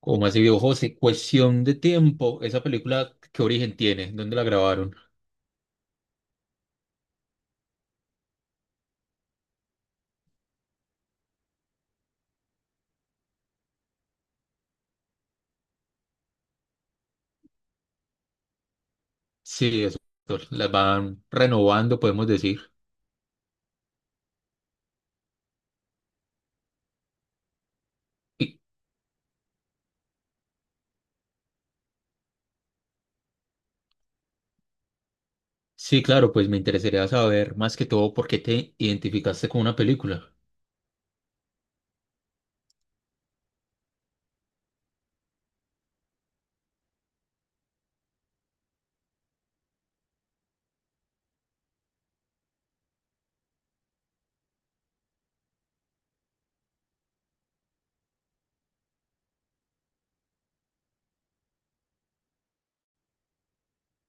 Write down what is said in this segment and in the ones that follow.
¿Como así, viejo José? Cuestión de tiempo. ¿Esa película qué origen tiene? ¿Dónde la grabaron? Sí, eso. Las van renovando, podemos decir. Y- sí, claro, pues me interesaría saber más que todo por qué te identificaste con una película.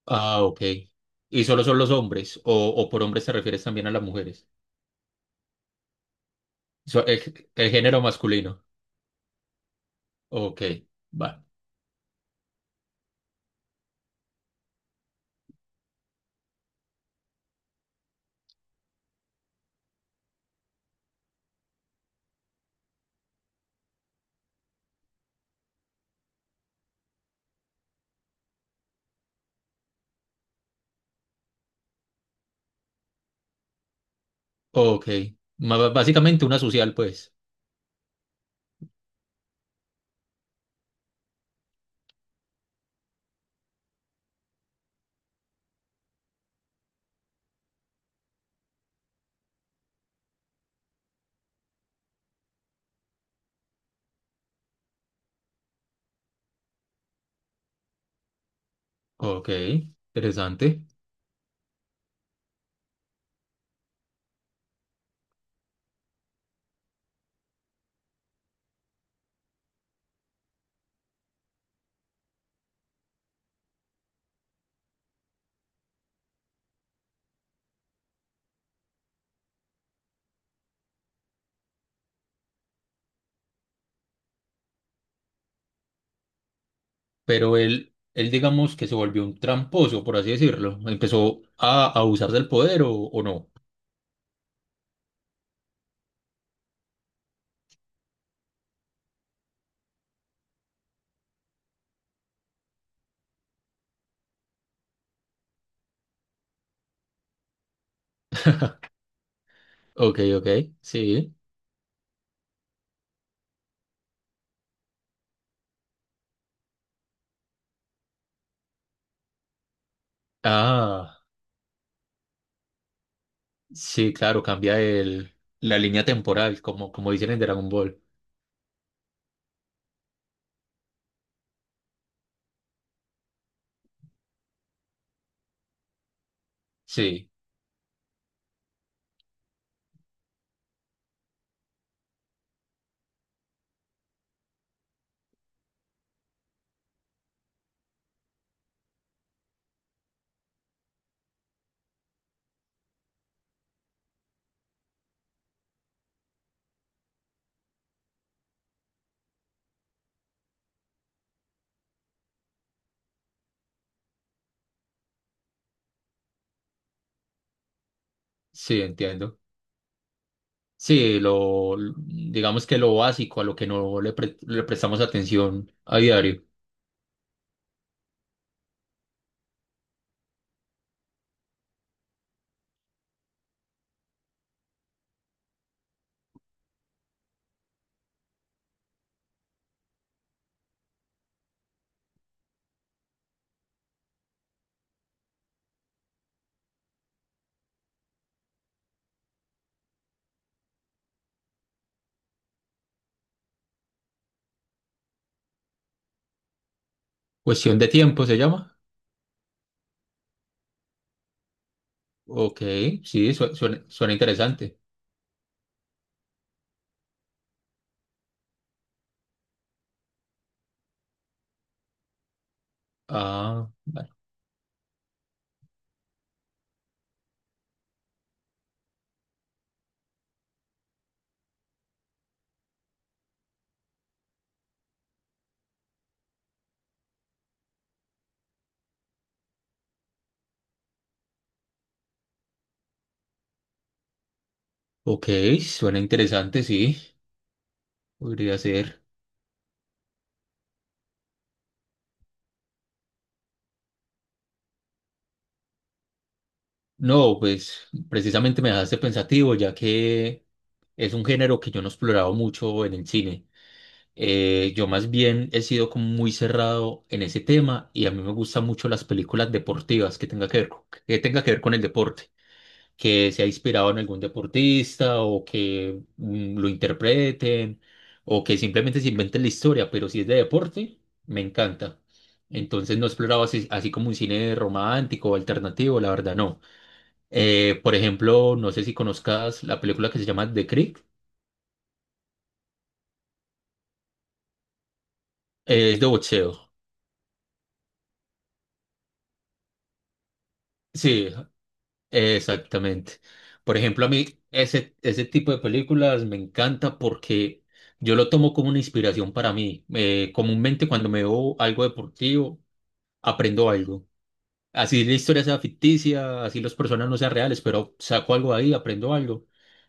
Ah, ok. ¿Y solo son los hombres? ¿O por hombres te refieres también a las mujeres? El género masculino. Ok, va. Ok. Básicamente una social, pues. Ok, interesante. Pero él digamos que se volvió un tramposo, por así decirlo. Empezó a abusar del poder, o no. Ok, ok, sí. Ah, sí, claro, cambia la línea temporal, como, como dicen en Dragon Ball. Sí, sí, entiendo. Sí, digamos que lo básico, a lo que no le prestamos atención a diario. Cuestión de tiempo se llama. Ok, sí, suena, suena interesante. Ah, bueno. Ok, suena interesante, sí. Podría ser. No, pues precisamente me dejaste pensativo, ya que es un género que yo no he explorado mucho en el cine. Yo más bien he sido como muy cerrado en ese tema y a mí me gustan mucho las películas deportivas que tenga que ver, que tenga que ver con el deporte, que sea inspirado en algún deportista o que lo interpreten o que simplemente se inventen la historia, pero si es de deporte, me encanta. Entonces no he explorado así, así como un cine romántico o alternativo, la verdad no. Por ejemplo, no sé si conozcas la película que se llama The Creek, es de boxeo. Sí, exactamente. Por ejemplo, a mí ese, ese tipo de películas me encanta porque yo lo tomo como una inspiración para mí. Comúnmente cuando me veo algo deportivo, aprendo algo. Así la historia sea ficticia, así las personas no sean reales, pero saco algo ahí, aprendo algo.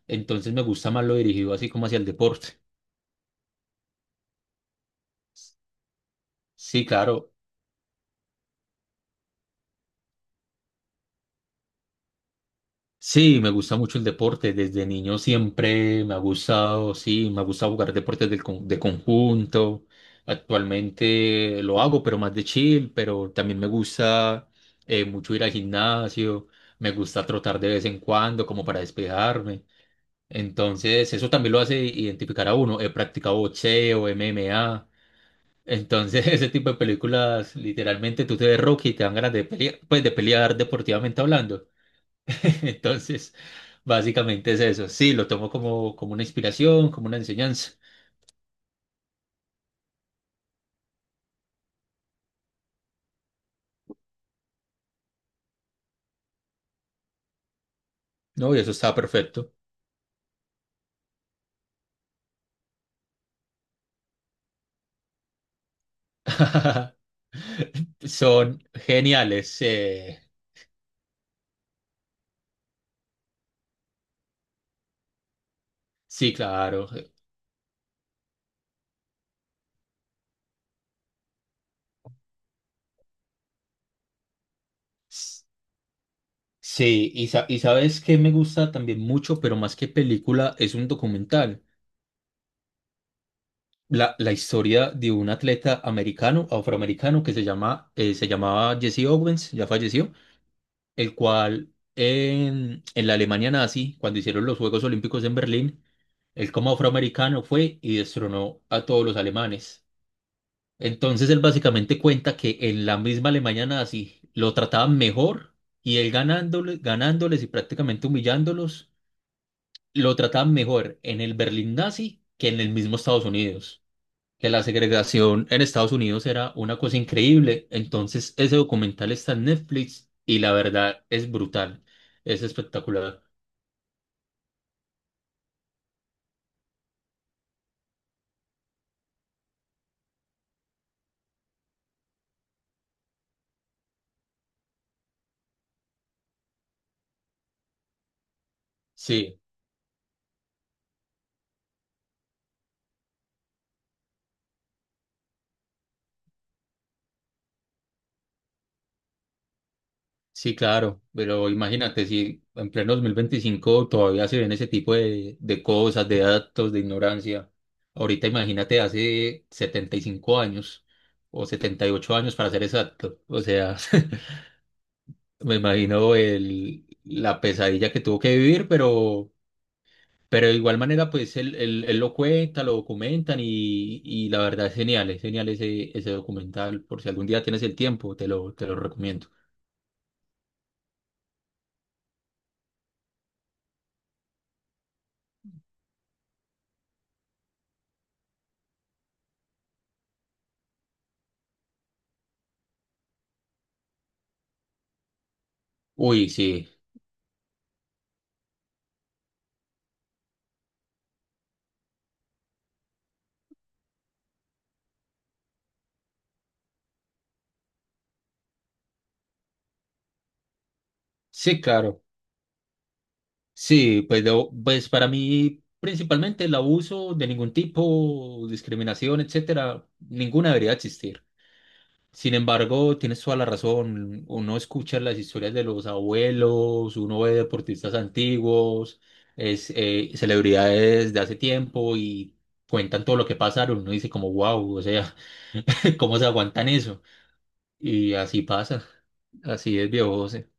Entonces me gusta más lo dirigido así como hacia el deporte. Sí, claro. Sí, me gusta mucho el deporte. Desde niño siempre me ha gustado, sí, me ha gustado jugar deportes de conjunto. Actualmente lo hago, pero más de chill, pero también me gusta mucho ir al gimnasio, me gusta trotar de vez en cuando como para despejarme. Entonces, eso también lo hace identificar a uno. He practicado boxeo, M M A. Entonces, ese tipo de películas, literalmente tú te ves Rocky y te dan ganas de pelear, pues de pelear deportivamente hablando. Entonces, básicamente es eso. Sí, lo tomo como, como una inspiración, como una enseñanza. No, y eso está perfecto. Son geniales. Sí, claro. S- Sí, y, y sabes que me gusta también mucho, pero más que película, es un documental. La historia de un atleta americano, afroamericano, que se llama, se llamaba Jesse Owens, ya falleció, el cual en la Alemania nazi, cuando hicieron los Juegos Olímpicos en Berlín, él como afroamericano fue y destronó a todos los alemanes. Entonces él básicamente cuenta que en la misma Alemania nazi lo trataban mejor y él ganándoles, ganándoles y prácticamente humillándolos, lo trataban mejor en el Berlín nazi que en el mismo Estados Unidos, que la segregación en Estados Unidos era una cosa increíble. Entonces, ese documental está en Netflix y la verdad es brutal, es espectacular. Sí, sí, claro, pero imagínate si en pleno 2025 todavía se ven ese tipo de cosas, de datos, de ignorancia. Ahorita imagínate hace 75 años o 78 años para ser exacto. O sea, me imagino el, la pesadilla que tuvo que vivir, pero de igual manera, pues él lo cuenta, lo documentan y la verdad es genial ese, ese documental, por si algún día tienes el tiempo, te lo recomiendo. Uy, sí, sí, claro. Sí, pues, pues para mí, principalmente el abuso de ningún tipo, discriminación, etcétera, ninguna debería existir. Sin embargo, tienes toda la razón. Uno escucha las historias de los abuelos, uno ve deportistas antiguos, es, celebridades de hace tiempo y cuentan todo lo que pasaron. Uno dice como, wow, o sea, ¿cómo se aguantan eso? Y así pasa. Así es, viejo José.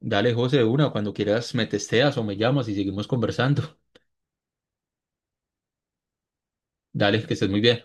Dale, José, de una, cuando quieras me testeas o me llamas y seguimos conversando. Dale, que estés muy bien.